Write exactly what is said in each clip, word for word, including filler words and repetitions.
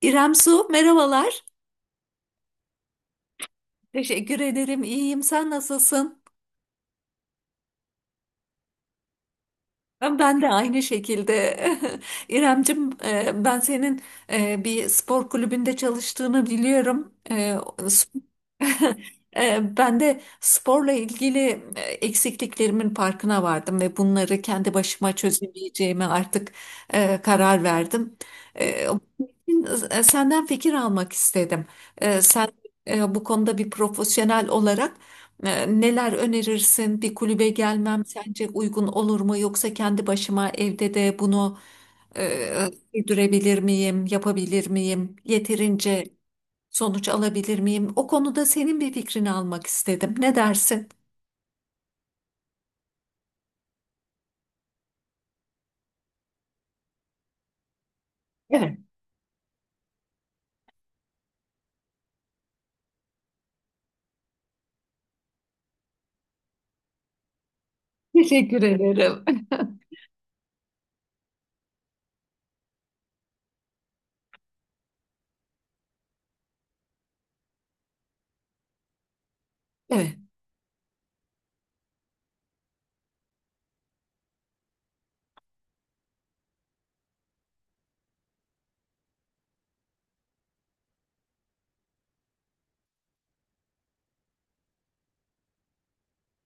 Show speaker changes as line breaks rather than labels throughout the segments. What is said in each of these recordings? İrem Su, merhabalar. Teşekkür ederim, iyiyim. Sen nasılsın? Ben de aynı şekilde. İremcim, e, ben senin e, bir spor kulübünde çalıştığını biliyorum. E, sp- E, Ben de sporla ilgili e, eksikliklerimin farkına vardım ve bunları kendi başıma çözemeyeceğime artık e, karar verdim. E, Bunun için, e, senden fikir almak istedim. E, Sen e, bu konuda bir profesyonel olarak Ee, neler önerirsin? Bir kulübe gelmem sence uygun olur mu? Yoksa kendi başıma evde de bunu e, sürdürebilir miyim? Yapabilir miyim? Yeterince sonuç alabilir miyim? O konuda senin bir fikrini almak istedim. Ne dersin? Evet, teşekkür ederim. Evet,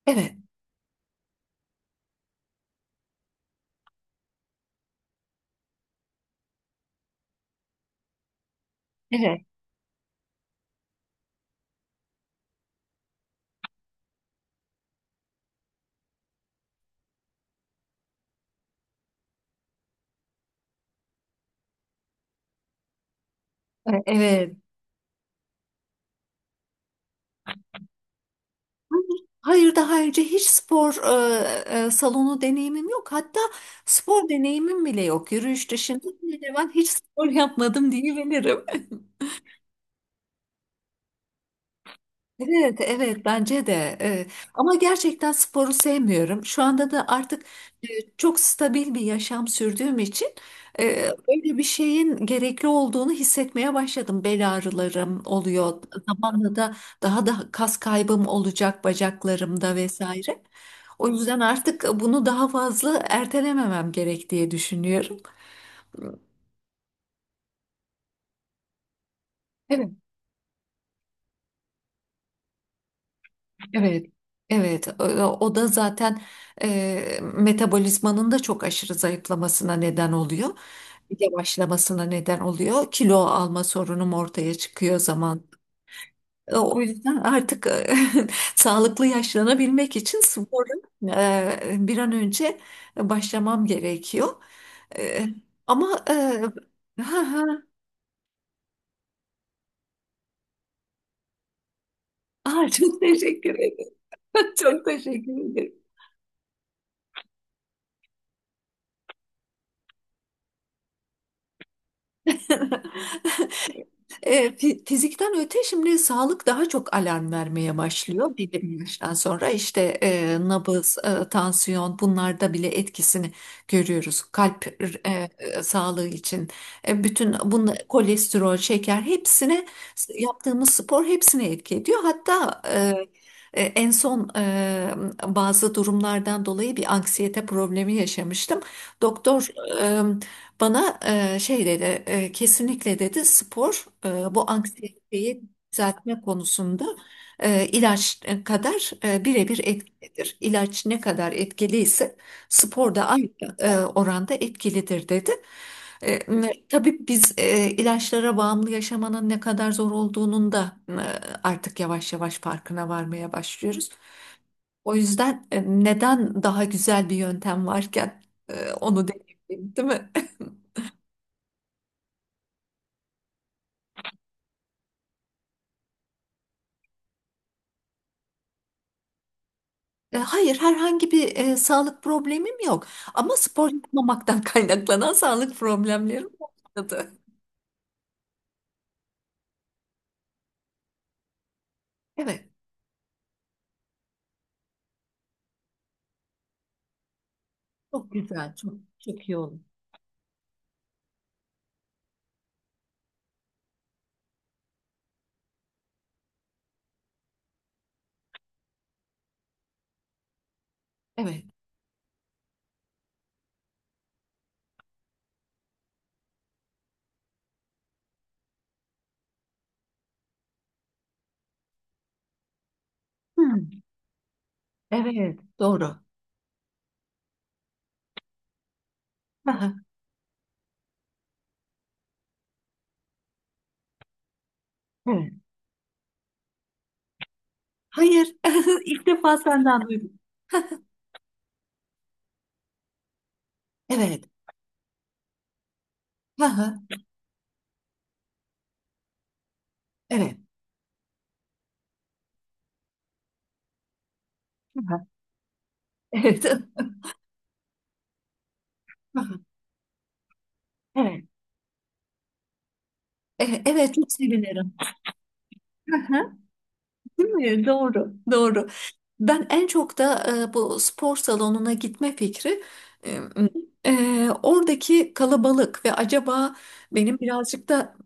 evet. Evet, evet. Hayır, hayır, daha önce hiç spor e, e, salonu deneyimim yok. Hatta spor deneyimim bile yok. Yürüyüş dışında hemen hemen hiç spor yapmadım diyebilirim. Evet, evet bence de. Evet. Ama gerçekten sporu sevmiyorum. Şu anda da artık e, çok stabil bir yaşam sürdüğüm için e, öyle bir şeyin gerekli olduğunu hissetmeye başladım. Bel ağrılarım oluyor. Zamanla da daha da kas kaybım olacak bacaklarımda vesaire. O yüzden artık bunu daha fazla ertelememem gerek diye düşünüyorum. Evet. Evet, evet. O o da zaten e, metabolizmanın da çok aşırı zayıflamasına neden oluyor. Yavaşlamasına neden oluyor. Kilo alma sorunum ortaya çıkıyor zaman. E, O yüzden artık e, sağlıklı yaşlanabilmek için sporu e, bir an önce başlamam gerekiyor. E, Ama e, ha, ha. Aa, çok teşekkür ederim. Çok teşekkür ederim. E, fi- fizikten öte şimdi sağlık daha çok alarm vermeye başlıyor belli bir yaştan sonra işte e, nabız, e, tansiyon bunlarda bile etkisini görüyoruz. Kalp e, e, sağlığı için e, bütün bunla, kolesterol, şeker hepsine yaptığımız spor hepsine etki ediyor. Hatta e, e, en son e, bazı durumlardan dolayı bir anksiyete problemi yaşamıştım. Doktor e, bana e, şey dedi, e, kesinlikle dedi spor e, bu anksiyeteyi düzeltme konusunda e, ilaç kadar e, birebir etkilidir. İlaç ne kadar etkiliyse spor da aynı e, oranda etkilidir dedi. E, m- tabii biz e, ilaçlara bağımlı yaşamanın ne kadar zor olduğunun da e, artık yavaş yavaş farkına varmaya başlıyoruz. O yüzden e, neden daha güzel bir yöntem varken e, onu deneyimleyeyim, değil mi? E, Hayır, herhangi bir e, sağlık problemim yok. Ama spor yapmamaktan kaynaklanan sağlık problemlerim başladı. Evet, çok güzel, çok çok iyi oldu. Evet. Hmm, evet, doğru. Aha, evet. Hayır, ilk defa senden duydum. Evet, aha, evet, aha, evet, aha, evet. E, evet, çok sevinirim. Değil mi? Doğru, doğru. Ben en çok da e, bu spor salonuna gitme fikri e, e, oradaki kalabalık ve acaba benim birazcık da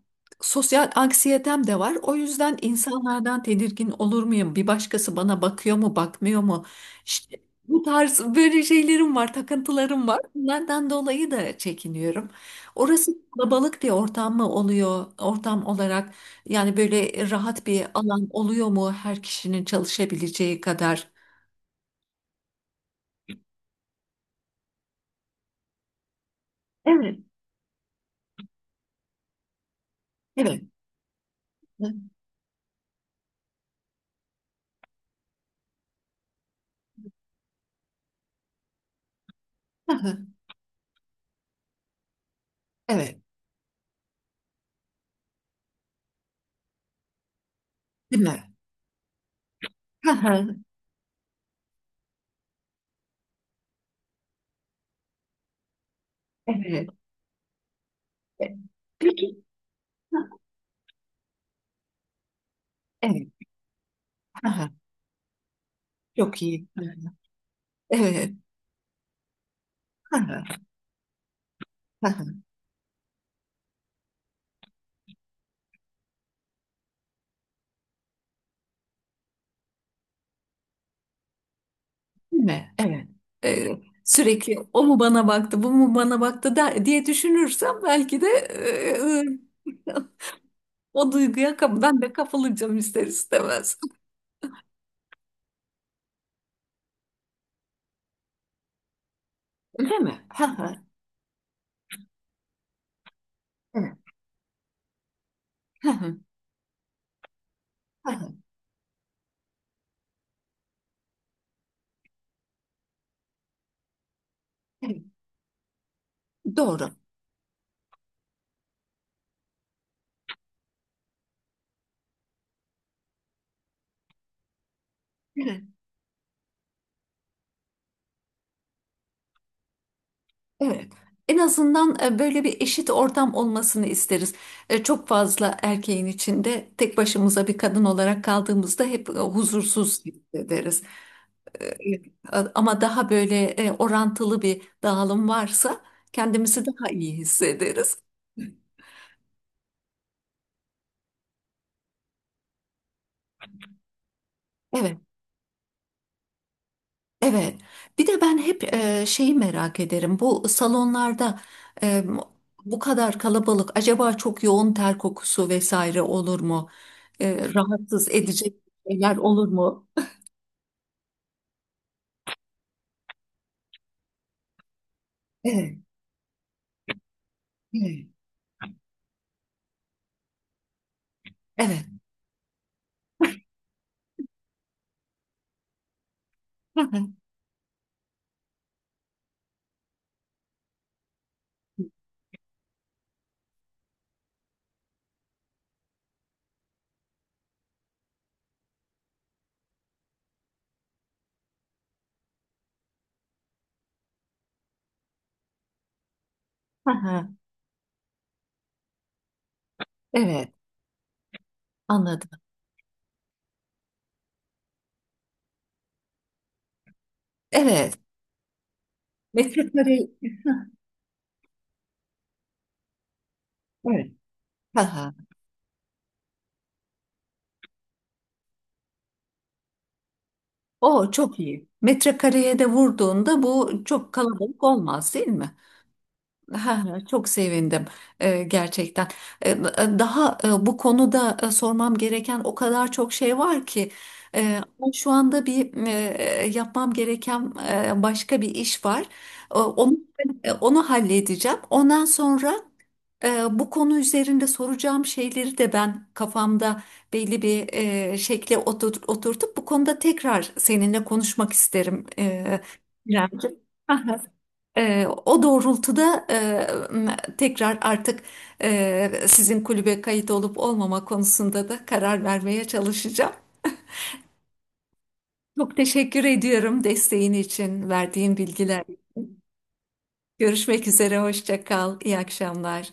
sosyal anksiyetem de var. O yüzden insanlardan tedirgin olur muyum? Bir başkası bana bakıyor mu, bakmıyor mu? İşte bu tarz böyle şeylerim var, takıntılarım var. Bunlardan dolayı da çekiniyorum. Orası kalabalık bir ortam mı oluyor, ortam olarak? Yani böyle rahat bir alan oluyor mu her kişinin çalışabileceği kadar? Evet, evet. Hı hı. Evet, değil mi? Hı hı. Evet. E, Peki. Hı, evet. Hı hı. Çok iyi. Hı, evet. Hı hı, hı hı. Değil mi? Evet. e, Sürekli o mu bana baktı, bu mu bana baktı der, diye düşünürsem belki de e, e, o duyguya kap- ben de kapılacağım ister istemez. Değil mi? Hı hı, evet. Hı hı, hı hı. Evet. Doğru. Evet. Evet. En azından e, böyle bir eşit ortam olmasını isteriz. E, Çok fazla erkeğin içinde tek başımıza bir kadın olarak kaldığımızda hep e, huzursuz hissederiz. E, e, Ama daha böyle e, orantılı bir dağılım varsa kendimizi daha iyi hissederiz. Evet, evet. Bir de ben hep e, şeyi merak ederim. Bu salonlarda e, bu kadar kalabalık acaba çok yoğun ter kokusu vesaire olur mu? E, rahatsız edecek şeyler olur mu? Evet, evet, evet. Hı hı. Hı hı. Evet, anladım. Evet, metrekare. Evet. Hı hı. O çok iyi. Metrekareye de vurduğunda bu çok kalabalık olmaz, değil mi? Ha, çok sevindim e, gerçekten. E, Daha e, bu konuda e, sormam gereken o kadar çok şey var ki e, ama şu anda bir e, yapmam gereken e, başka bir iş var. E, onu e, onu halledeceğim. Ondan sonra e, bu konu üzerinde soracağım şeyleri de ben kafamda belli bir e, şekle otur- oturtup bu konuda tekrar seninle konuşmak isterim. E, İremciğim. Ee, o doğrultuda e, m- tekrar artık e, sizin kulübe kayıt olup olmama konusunda da karar vermeye çalışacağım. Çok teşekkür ediyorum desteğin için, verdiğin bilgiler. Görüşmek üzere, hoşça kal, iyi akşamlar.